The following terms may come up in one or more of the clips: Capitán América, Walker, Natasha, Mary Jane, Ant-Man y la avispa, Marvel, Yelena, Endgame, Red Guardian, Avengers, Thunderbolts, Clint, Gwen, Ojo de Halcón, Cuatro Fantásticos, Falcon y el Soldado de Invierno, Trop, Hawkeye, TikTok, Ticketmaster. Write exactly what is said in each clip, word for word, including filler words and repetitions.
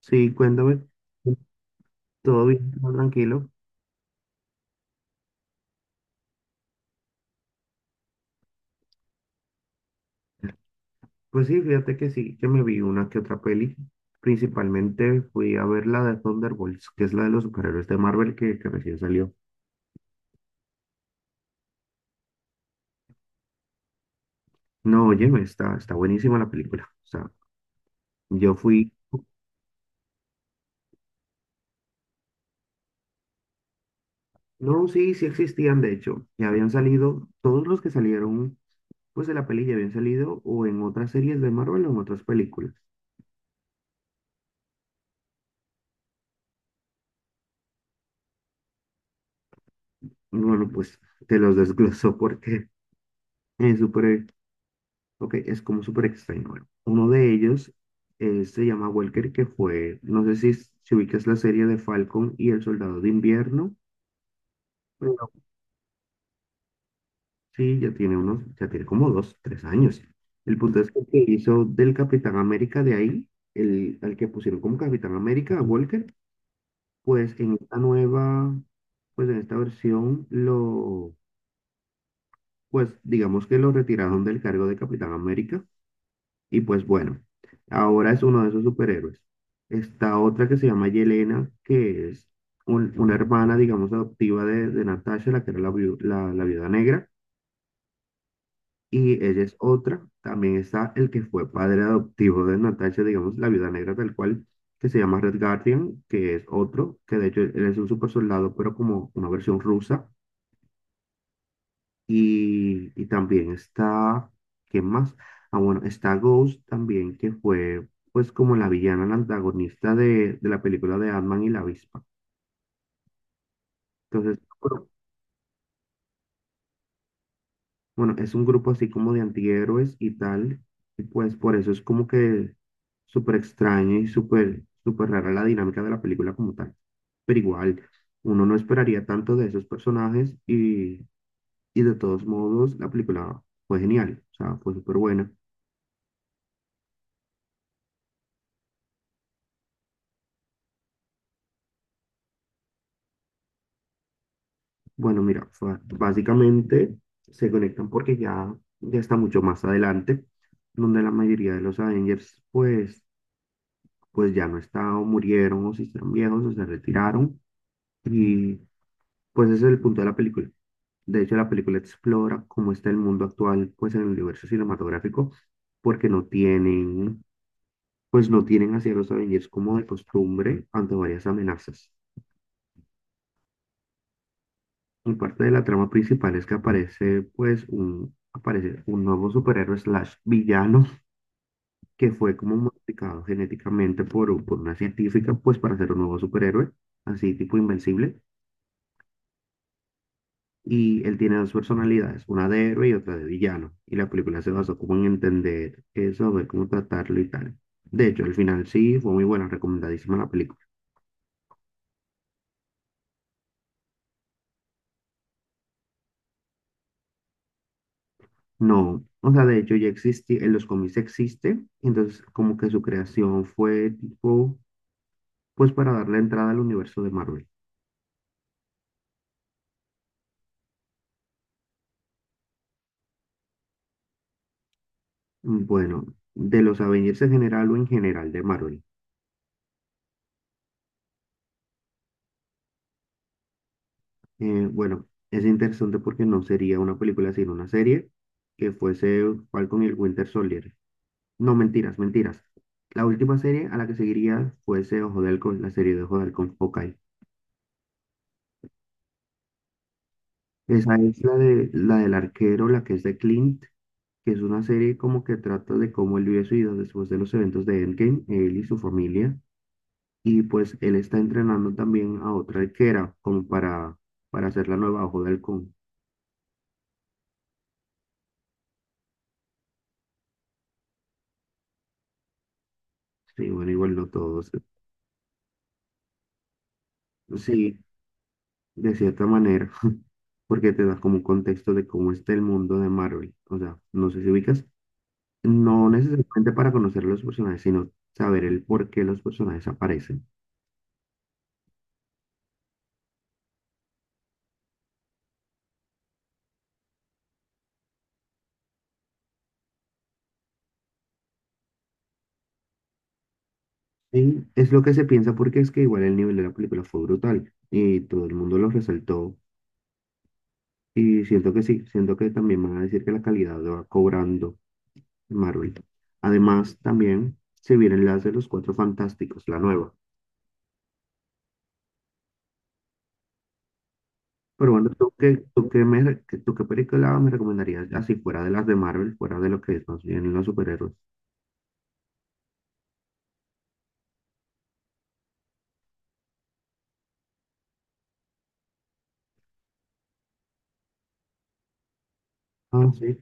Sí, cuéntame. Todo bien, todo tranquilo. Pues sí, fíjate que sí, que me vi una que otra peli. Principalmente fui a ver la de Thunderbolts, que es la de los superhéroes de Marvel que, que recién salió. No, oye, está, está buenísima la película. O sea, yo fui. No, sí, sí existían, de hecho. Ya habían salido, todos los que salieron, pues de la peli ya habían salido o en otras series de Marvel o en otras películas. Y bueno, pues te los desgloso porque es súper. Ok, es como súper extraño. Bueno, uno de ellos eh, se llama Welker, que fue, no sé si, si ubicas la serie de Falcon y el Soldado de Invierno, pero sí, ya tiene unos, ya tiene como dos, tres años. El punto es que el que hizo del Capitán América de ahí, el, al que pusieron como Capitán América, a Walker, pues en esta nueva, pues en esta versión, lo, pues digamos que lo retiraron del cargo de Capitán América. Y pues bueno, ahora es uno de esos superhéroes. Está otra que se llama Yelena, que es un- una hermana, digamos, adoptiva de, de Natasha, la que era la, viu- la, la viuda negra. Y ella es otra. También está el que fue padre adoptivo de Natasha, digamos, la viuda negra tal cual, que se llama Red Guardian, que es otro, que de hecho él es un super soldado, pero como una versión rusa. Y, y también está, ¿qué más? Ah, bueno, está Ghost también, que fue pues como la villana, la antagonista de, de la película de Ant-Man y la avispa. Entonces, bueno, bueno, es un grupo así como de antihéroes y tal, y pues por eso es como que súper extraño y súper, súper rara la dinámica de la película como tal. Pero igual, uno no esperaría tanto de esos personajes y, y de todos modos la película fue genial, o sea, fue súper buena. Bueno, mira, o sea, básicamente se conectan porque ya, ya está mucho más adelante, donde la mayoría de los Avengers, pues, pues ya no están, o murieron, o se hicieron viejos, o se retiraron. Y pues ese es el punto de la película. De hecho, la película explora cómo está el mundo actual, pues en el universo cinematográfico, porque no tienen, pues no tienen hacia los Avengers como de costumbre ante varias amenazas. Por parte de la trama principal es que aparece pues un, aparece un nuevo superhéroe slash villano que fue como modificado genéticamente por, u- por una científica pues para ser un nuevo superhéroe, así tipo invencible. Y él tiene dos personalidades, una de héroe y otra de villano. Y la película se basó como en entender eso, ver cómo tratarlo y tal. De hecho, al final sí, fue muy buena, recomendadísima la película. No, o sea, de hecho ya existía, en los cómics existe, entonces como que su creación fue tipo pues para darle entrada al universo de Marvel. Bueno, de los Avengers en general o en general de Marvel. Eh, bueno, es interesante porque no sería una película sino una serie que fuese Falcon y el Winter Soldier. No, mentiras, mentiras. La última serie a la que seguiría fuese Ojo de Halcón, la serie de Ojo de Halcón Hawkeye. Esa es la de la del arquero, la que es de Clint, que es una serie como que trata de cómo él vive su vida después de los eventos de Endgame, él y su familia. Y pues él está entrenando también a otra arquera como para, para hacer la nueva ojo del halcón. Sí, bueno, igual no todos. Sí, de cierta manera, porque te da como un contexto de cómo está el mundo de Marvel. O sea, no sé si ubicas, no necesariamente para conocer los personajes, sino saber el por qué los personajes aparecen. Y es lo que se piensa porque es que igual el nivel de la película fue brutal y todo el mundo lo resaltó. Y siento que sí, siento que también van a decir que la calidad va cobrando Marvel. Además, también se vienen las de los Cuatro Fantásticos, la nueva. Pero bueno, ¿tú qué, tú qué me, re- qué- tú qué película me recomendarías así fuera de las de Marvel, fuera de lo que es más bien los superhéroes? Ah, sí.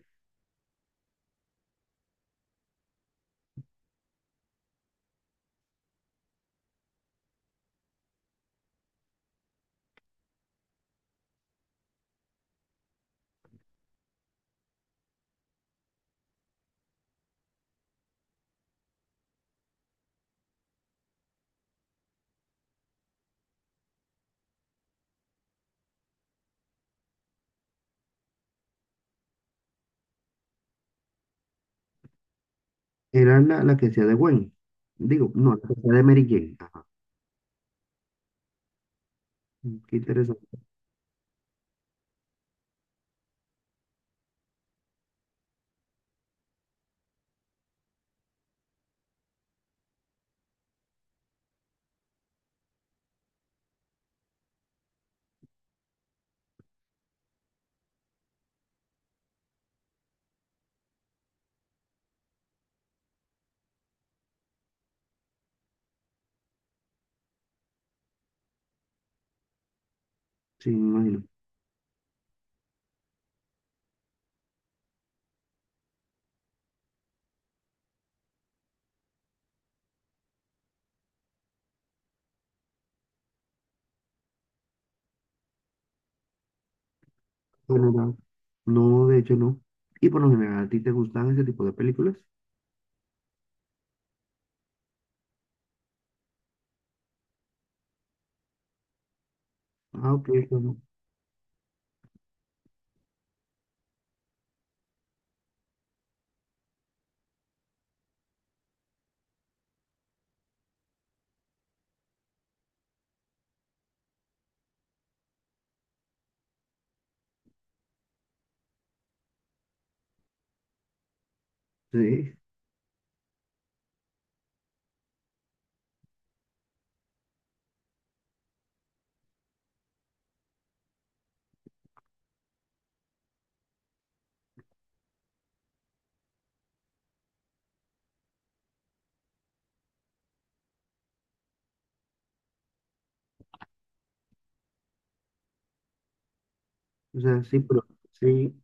Era la, la que hacía de Gwen. Digo, no, la que hacía de Mary Jane. Ajá. Mm, qué interesante. Sí, me imagino. Bueno, no, no, de hecho no. Y por lo general, ¿a ti te gustan ese tipo de películas? Ah, ok, bueno. Sí, o sea, sí, pero sí.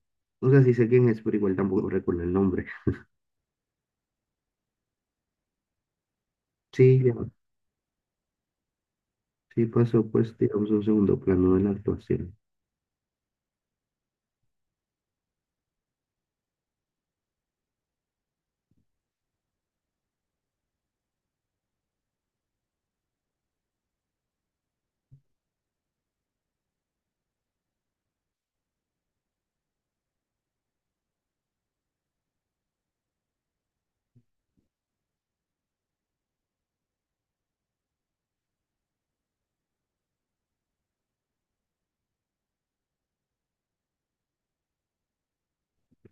O sea, sí sé quién es, pero igual tampoco recuerdo el nombre. Sí, ya. Sí pasó, pues, digamos, a un segundo plano de la actuación.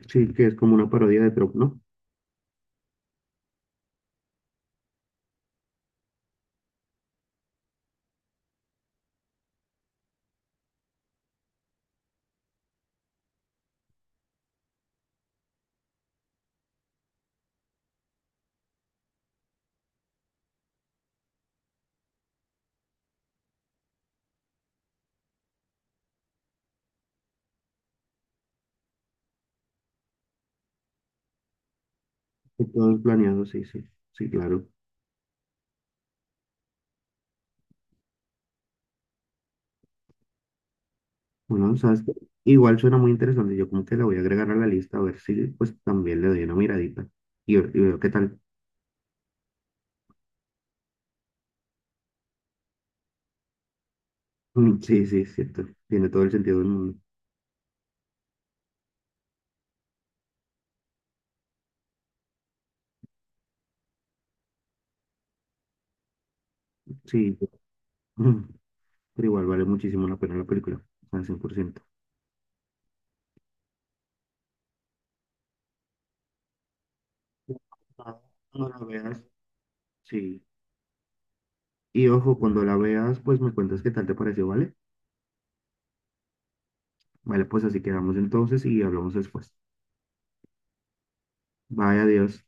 Sí, que es como una parodia de Trop, ¿no? Que todo es planeado, sí, sí, sí, claro. Bueno, sabes que igual suena muy interesante. Yo como que la voy a agregar a la lista a ver si pues también le doy una miradita y, ver- y veo qué tal. Mm, sí, sí, es cierto. Tiene todo el sentido del mundo. Sí, mm, pero igual vale muchísimo la pena la película, al cien por ciento. Ah, cuando la veas, sí. Y ojo, cuando la veas, pues me cuentas qué tal te pareció, ¿vale? Vale, pues así quedamos entonces y hablamos después. Vaya Dios.